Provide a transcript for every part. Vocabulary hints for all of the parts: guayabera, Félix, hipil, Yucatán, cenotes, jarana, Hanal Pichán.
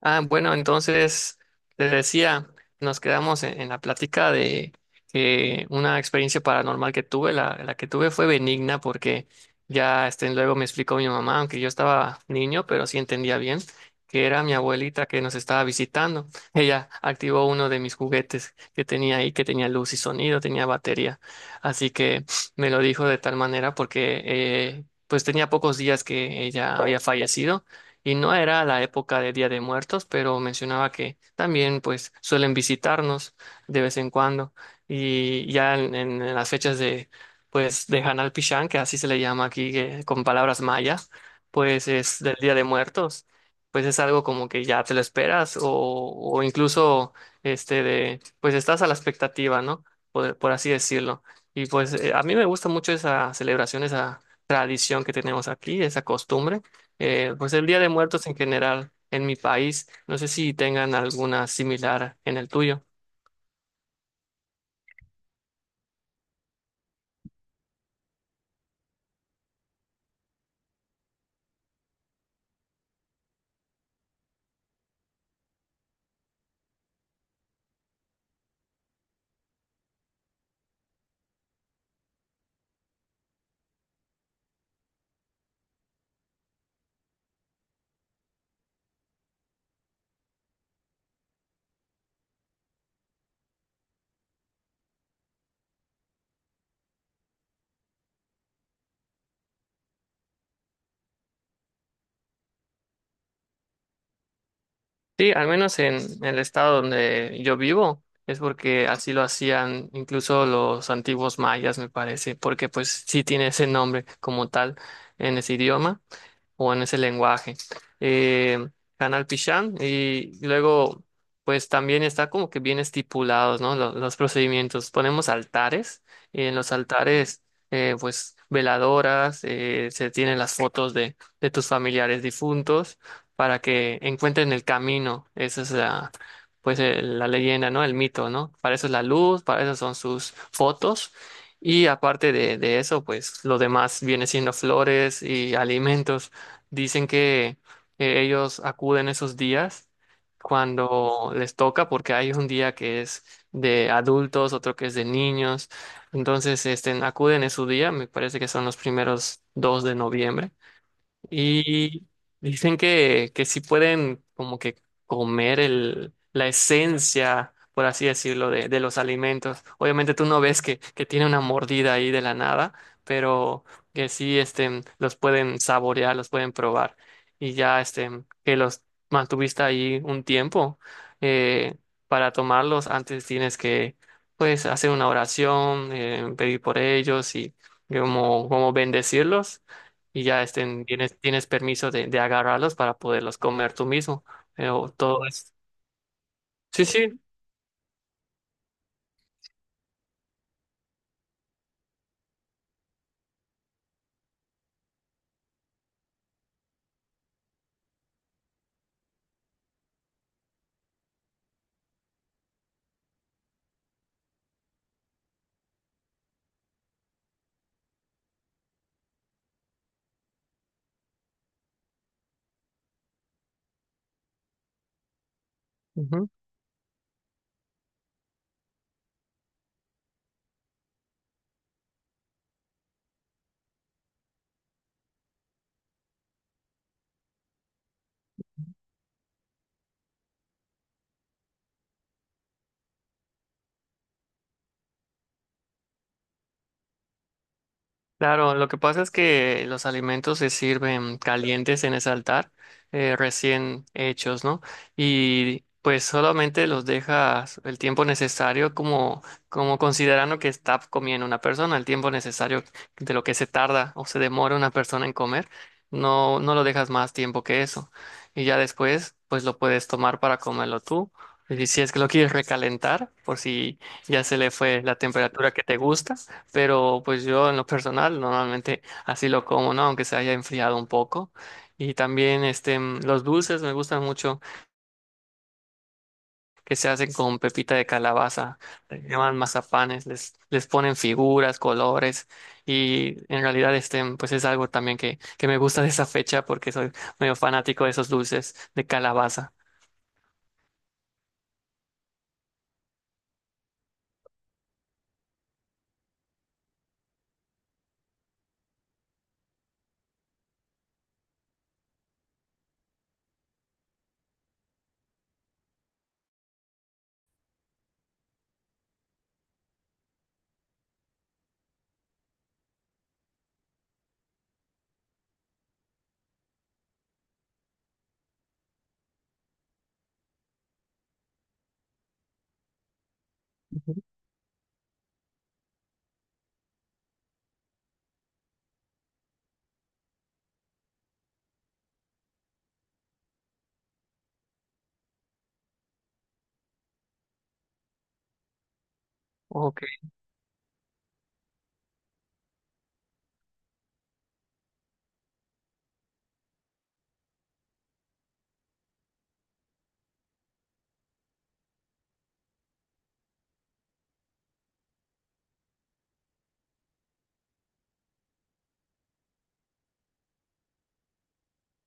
Ah, bueno, entonces les decía, nos quedamos en la plática de que una experiencia paranormal que tuve, la que tuve fue benigna porque ya este, luego me explicó mi mamá, aunque yo estaba niño, pero sí entendía bien, que era mi abuelita que nos estaba visitando. Ella activó uno de mis juguetes que tenía ahí, que tenía luz y sonido, tenía batería. Así que me lo dijo de tal manera porque pues tenía pocos días que ella había fallecido y no era la época de Día de Muertos, pero mencionaba que también pues suelen visitarnos de vez en cuando y ya en, en las fechas de pues de Hanal Pichán, que así se le llama aquí con palabras mayas, pues es del Día de Muertos, pues es algo como que ya te lo esperas o incluso este de pues estás a la expectativa, ¿no? Por así decirlo. Y pues a mí me gusta mucho esa celebración, esa tradición que tenemos aquí, esa costumbre. Pues el Día de Muertos en general en mi país, no sé si tengan alguna similar en el tuyo. Sí, al menos en, el estado donde yo vivo, es porque así lo hacían incluso los antiguos mayas, me parece, porque pues sí tiene ese nombre como tal en ese idioma, o en ese lenguaje. Eh, Canal Pichán, y luego pues también está como que bien estipulados, ¿no? Los procedimientos. Ponemos altares, y en los altares pues veladoras, se tienen las fotos de tus familiares difuntos para que encuentren el camino. Esa es la... Pues la leyenda, ¿no? El mito, ¿no? Para eso es la luz, para eso son sus fotos. Y aparte de eso, pues lo demás viene siendo flores y alimentos. Dicen que ellos acuden esos días cuando les toca, porque hay un día que es de adultos, otro que es de niños. Entonces, este, acuden en su día, me parece que son los primeros dos de noviembre. Y dicen que sí pueden como que comer la esencia, por así decirlo, de los alimentos. Obviamente tú no ves que tiene una mordida ahí de la nada, pero que sí este, los pueden saborear, los pueden probar. Y ya este, que los mantuviste ahí un tiempo, eh, para tomarlos antes tienes que pues hacer una oración, pedir por ellos y como, como bendecirlos, y ya estén, tienes permiso de agarrarlos para poderlos comer tú mismo. Pero todo es. Sí, sí. Claro, lo que pasa es que los alimentos se sirven calientes en ese altar, recién hechos, ¿no? Y pues solamente los dejas el tiempo necesario como, como considerando que está comiendo una persona, el tiempo necesario de lo que se tarda o se demora una persona en comer. No, no lo dejas más tiempo que eso. Y ya después, pues lo puedes tomar para comerlo tú. Y si es que lo quieres recalentar, por si ya se le fue la temperatura que te gusta. Pero pues yo en lo personal normalmente así lo como, ¿no? Aunque se haya enfriado un poco. Y también este, los dulces me gustan mucho, que se hacen con pepita de calabaza. Le llaman mazapanes, les ponen figuras, colores. Y en realidad este, pues es algo también que me gusta de esa fecha porque soy medio fanático de esos dulces de calabaza. Ujú. Ok.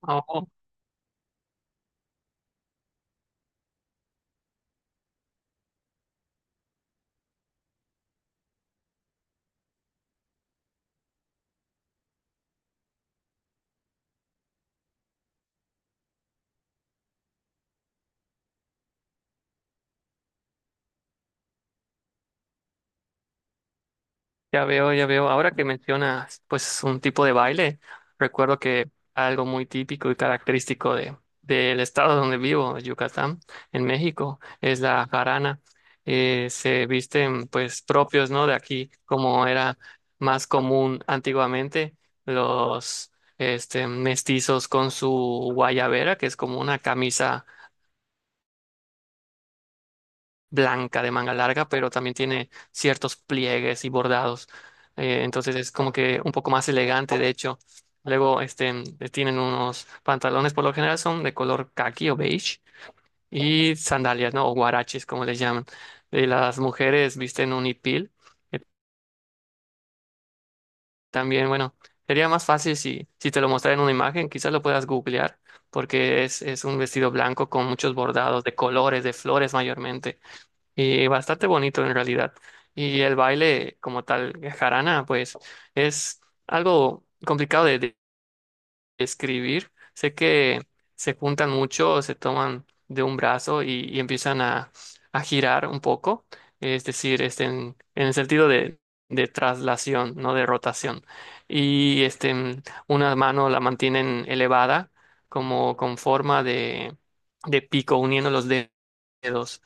Oh, ya veo, ya veo. Ahora que mencionas, pues, un tipo de baile, recuerdo que algo muy típico y característico de, del estado donde vivo, Yucatán, en México, es la jarana. Se visten, pues, propios, ¿no? De aquí, como era más común antiguamente, los mestizos con su guayabera, que es como una camisa blanca de manga larga, pero también tiene ciertos pliegues y bordados. Entonces es como que un poco más elegante, de hecho. Luego este, tienen unos pantalones, por lo general son de color caqui o beige, y sandalias, ¿no? O guaraches, como les llaman. Las mujeres visten un hipil, que también, bueno, sería más fácil si te lo mostrara en una imagen, quizás lo puedas googlear, porque es un vestido blanco con muchos bordados de colores, de flores mayormente. Y bastante bonito en realidad. Y el baile como tal, jarana, pues es algo complicado de describir. Sé que se juntan mucho, se toman de un brazo y empiezan a girar un poco, es decir, este, en el sentido de traslación, no de rotación. Y este, una mano la mantienen elevada, como con forma de pico, uniendo los dedos.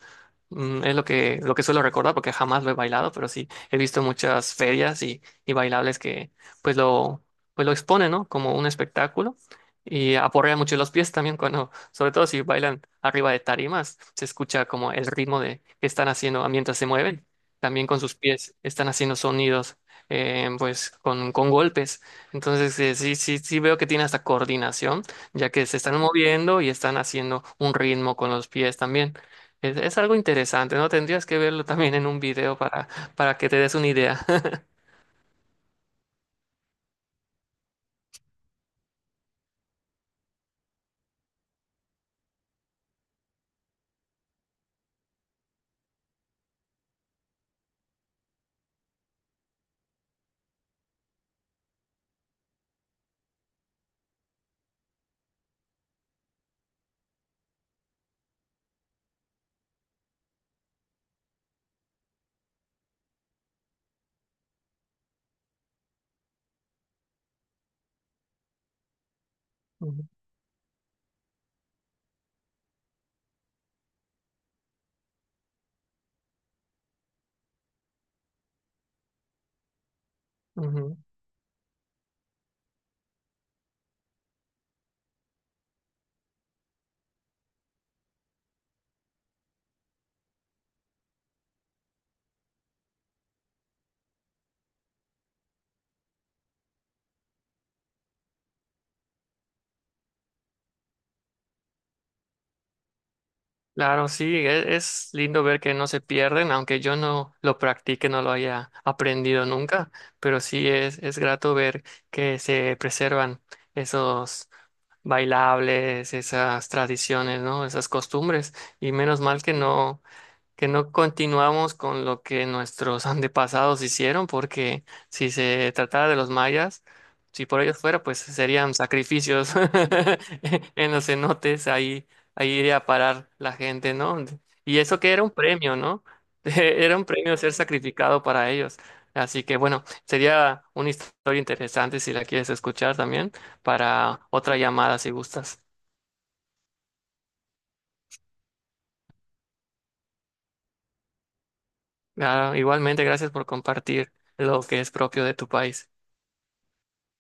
Es lo que, suelo recordar porque jamás lo he bailado, pero sí he visto muchas ferias y bailables que pues lo, pues lo exponen, ¿no? Como un espectáculo, y aporrean mucho los pies también cuando, sobre todo si bailan arriba de tarimas, se escucha como el ritmo de que están haciendo, mientras se mueven. También con sus pies están haciendo sonidos, pues con, golpes. Entonces sí, sí, sí veo que tiene hasta coordinación, ya que se están moviendo y están haciendo un ritmo con los pies también. Es algo interesante, ¿no? Tendrías que verlo también en un video para que te des una idea. Ujú, ujú. Claro, sí, es, lindo ver que no se pierden, aunque yo no lo practique, no lo haya aprendido nunca, pero sí es grato ver que se preservan esos bailables, esas tradiciones, ¿no? Esas costumbres, y menos mal que no, que no continuamos con lo que nuestros antepasados hicieron, porque si se tratara de los mayas, si por ellos fuera, pues serían sacrificios en los cenotes, ahí, ahí iría a parar la gente, ¿no? Y eso que era un premio, ¿no? Era un premio ser sacrificado para ellos. Así que bueno, sería una historia interesante si la quieres escuchar también para otra llamada si gustas. Ah, igualmente, gracias por compartir lo que es propio de tu país.